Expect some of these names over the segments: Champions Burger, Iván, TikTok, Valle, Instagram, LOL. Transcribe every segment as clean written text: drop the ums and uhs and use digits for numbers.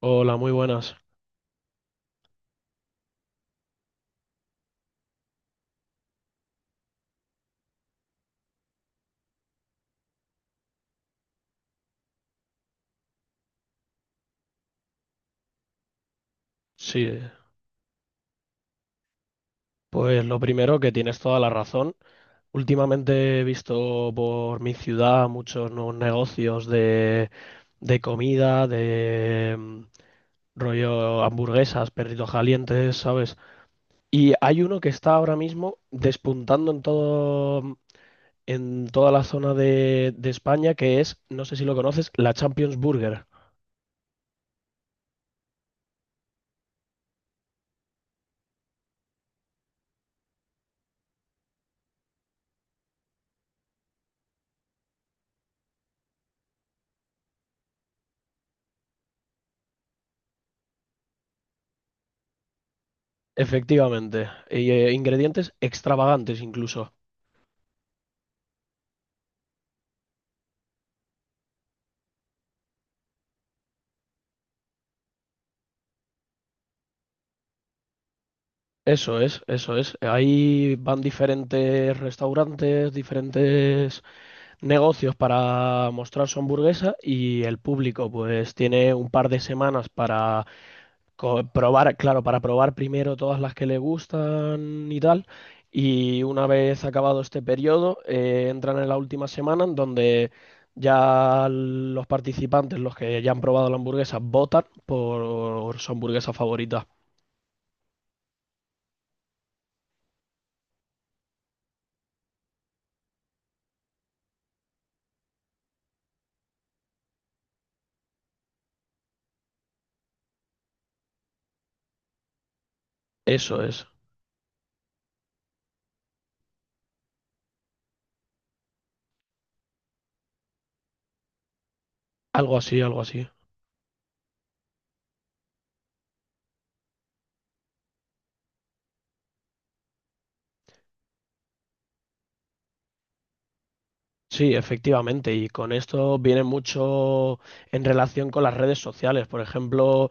Hola, muy buenas. Sí, pues lo primero que tienes toda la razón. Últimamente he visto por mi ciudad muchos nuevos negocios de comida, de rollo hamburguesas, perritos calientes, ¿sabes? Y hay uno que está ahora mismo despuntando en en toda la zona de España, que es, no sé si lo conoces, la Champions Burger. Efectivamente. Y, ingredientes extravagantes incluso. Eso es, eso es. Ahí van diferentes restaurantes, diferentes negocios para mostrar su hamburguesa y el público pues tiene un par de semanas para probar, claro, para probar primero todas las que le gustan y tal. Y una vez acabado este periodo, entran en la última semana en donde ya los participantes, los que ya han probado la hamburguesa, votan por su hamburguesa favorita. Eso es. Algo así, algo así. Sí, efectivamente, y con esto viene mucho en relación con las redes sociales. Por ejemplo,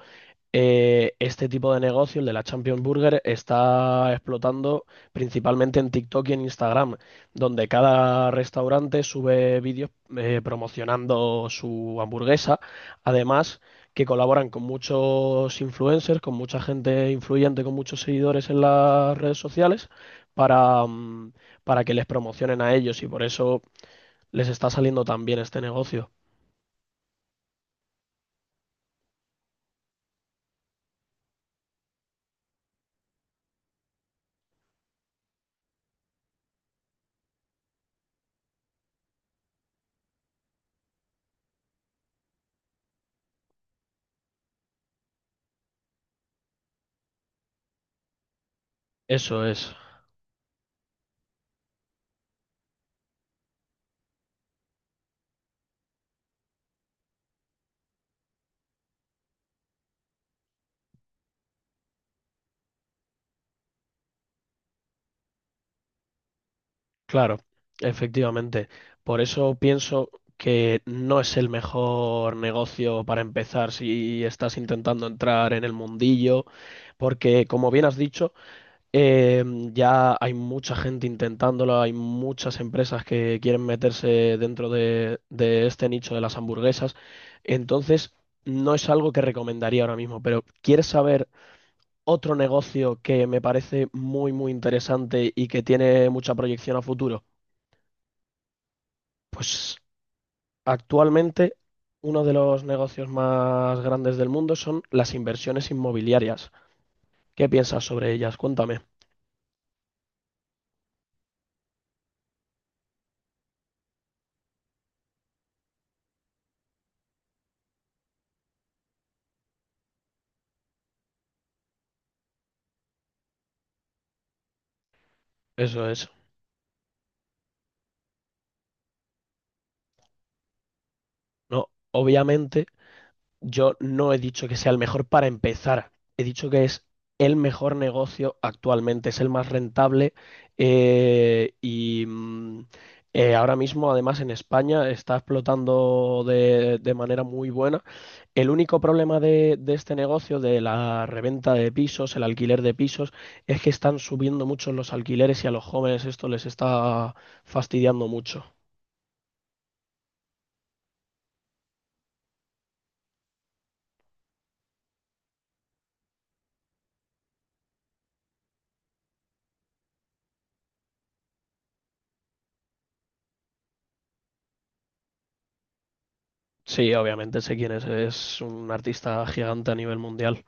este tipo de negocio, el de la Champions Burger, está explotando principalmente en TikTok y en Instagram, donde cada restaurante sube vídeos promocionando su hamburguesa. Además, que colaboran con muchos influencers, con mucha gente influyente, con muchos seguidores en las redes sociales, para, mm, para que les promocionen a ellos y por eso les está saliendo tan bien este negocio. Eso es, claro, efectivamente. Por eso pienso que no es el mejor negocio para empezar si estás intentando entrar en el mundillo, porque como bien has dicho, eh, ya hay mucha gente intentándolo, hay muchas empresas que quieren meterse dentro de este nicho de las hamburguesas, entonces no es algo que recomendaría ahora mismo, pero ¿quieres saber otro negocio que me parece muy, muy interesante y que tiene mucha proyección a futuro? Pues actualmente uno de los negocios más grandes del mundo son las inversiones inmobiliarias. ¿Qué piensas sobre ellas? Cuéntame. Eso es. No, obviamente. Yo no he dicho que sea el mejor para empezar. He dicho que es el mejor negocio actualmente, es el más rentable eh, y mm, ahora mismo, además, en España está explotando de manera muy buena. El único problema de este negocio, de la reventa de pisos, el alquiler de pisos, es que están subiendo mucho los alquileres y a los jóvenes esto les está fastidiando mucho. Sí, obviamente sé quién es un artista gigante a nivel mundial.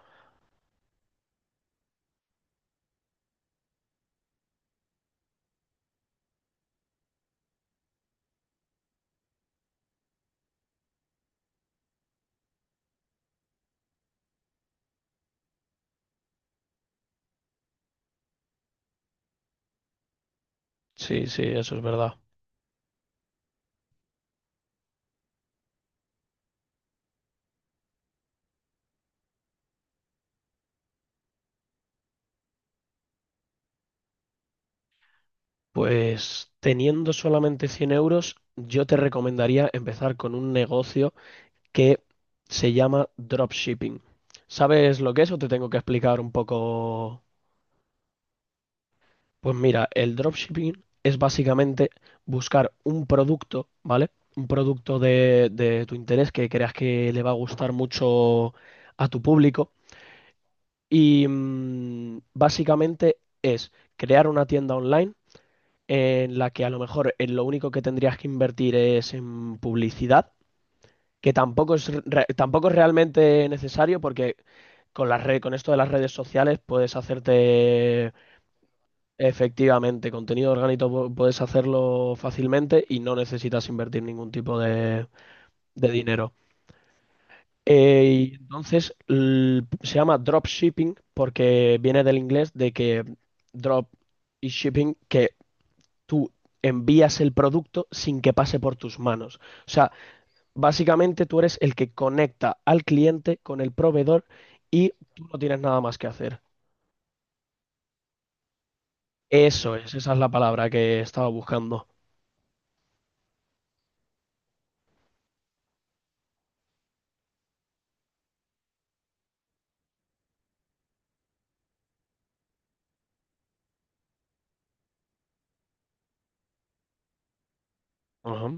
Sí, sí, eso es verdad. Pues teniendo solamente 100 euros, yo te recomendaría empezar con un negocio que se llama dropshipping. ¿Sabes lo que es o te tengo que explicar un poco? Pues mira, el dropshipping es básicamente buscar un producto, ¿vale? Un producto de tu interés que creas que le va a gustar mucho a tu público. Y básicamente es crear una tienda online en la que a lo mejor en lo único que tendrías que invertir es en publicidad, que tampoco es, tampoco es realmente necesario porque con las con esto de las redes sociales puedes hacerte efectivamente contenido orgánico, puedes hacerlo fácilmente y no necesitas invertir ningún tipo de dinero. Eh, y entonces se llama dropshipping porque viene del inglés de que drop y shipping, que tú envías el producto sin que pase por tus manos. O sea, básicamente tú eres el que conecta al cliente con el proveedor y tú no tienes nada más que hacer. Eso es, esa es la palabra que estaba buscando. Ajá.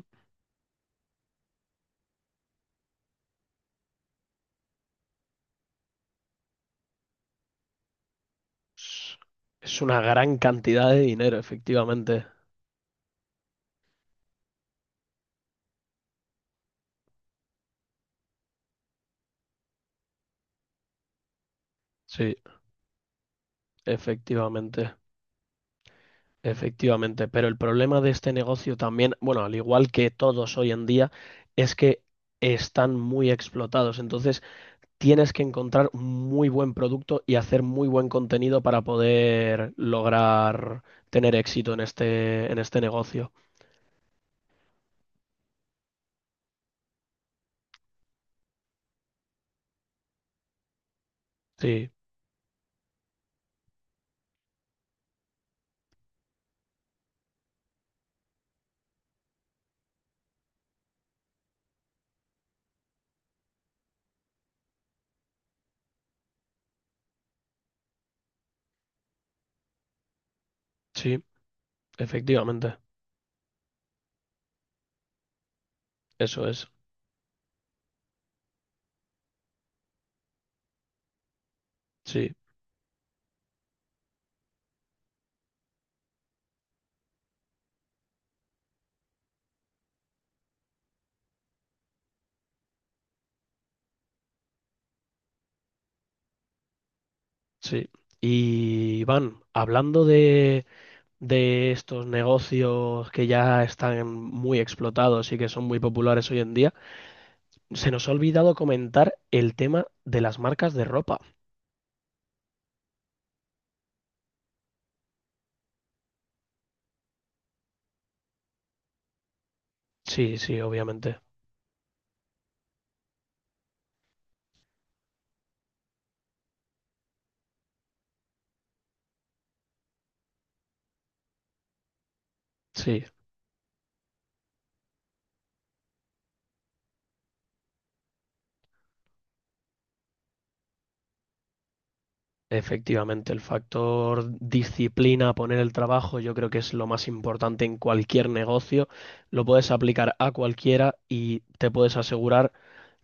Es es una gran cantidad de dinero, efectivamente. Sí, efectivamente. Efectivamente, pero el problema de este negocio también, bueno, al igual que todos hoy en día, es que están muy explotados. Entonces, tienes que encontrar un muy buen producto y hacer muy buen contenido para poder lograr tener éxito en este negocio. Sí, sí, efectivamente. Eso es. Sí, sí. Y Iván, hablando de estos negocios que ya están muy explotados y que son muy populares hoy en día, se nos ha olvidado comentar el tema de las marcas de ropa. Sí, sí, obviamente. Sí. Efectivamente, el factor disciplina, poner el trabajo, yo creo que es lo más importante en cualquier negocio. Lo puedes aplicar a cualquiera y te puedes asegurar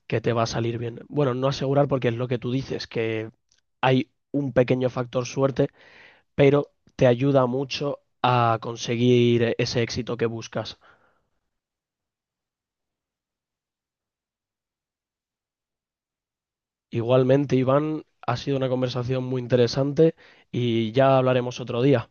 que te va a salir bien. Bueno, no asegurar porque es lo que tú dices, que hay un pequeño factor suerte, pero te ayuda mucho a conseguir ese éxito que buscas. Igualmente, Iván, ha sido una conversación muy interesante y ya hablaremos otro día.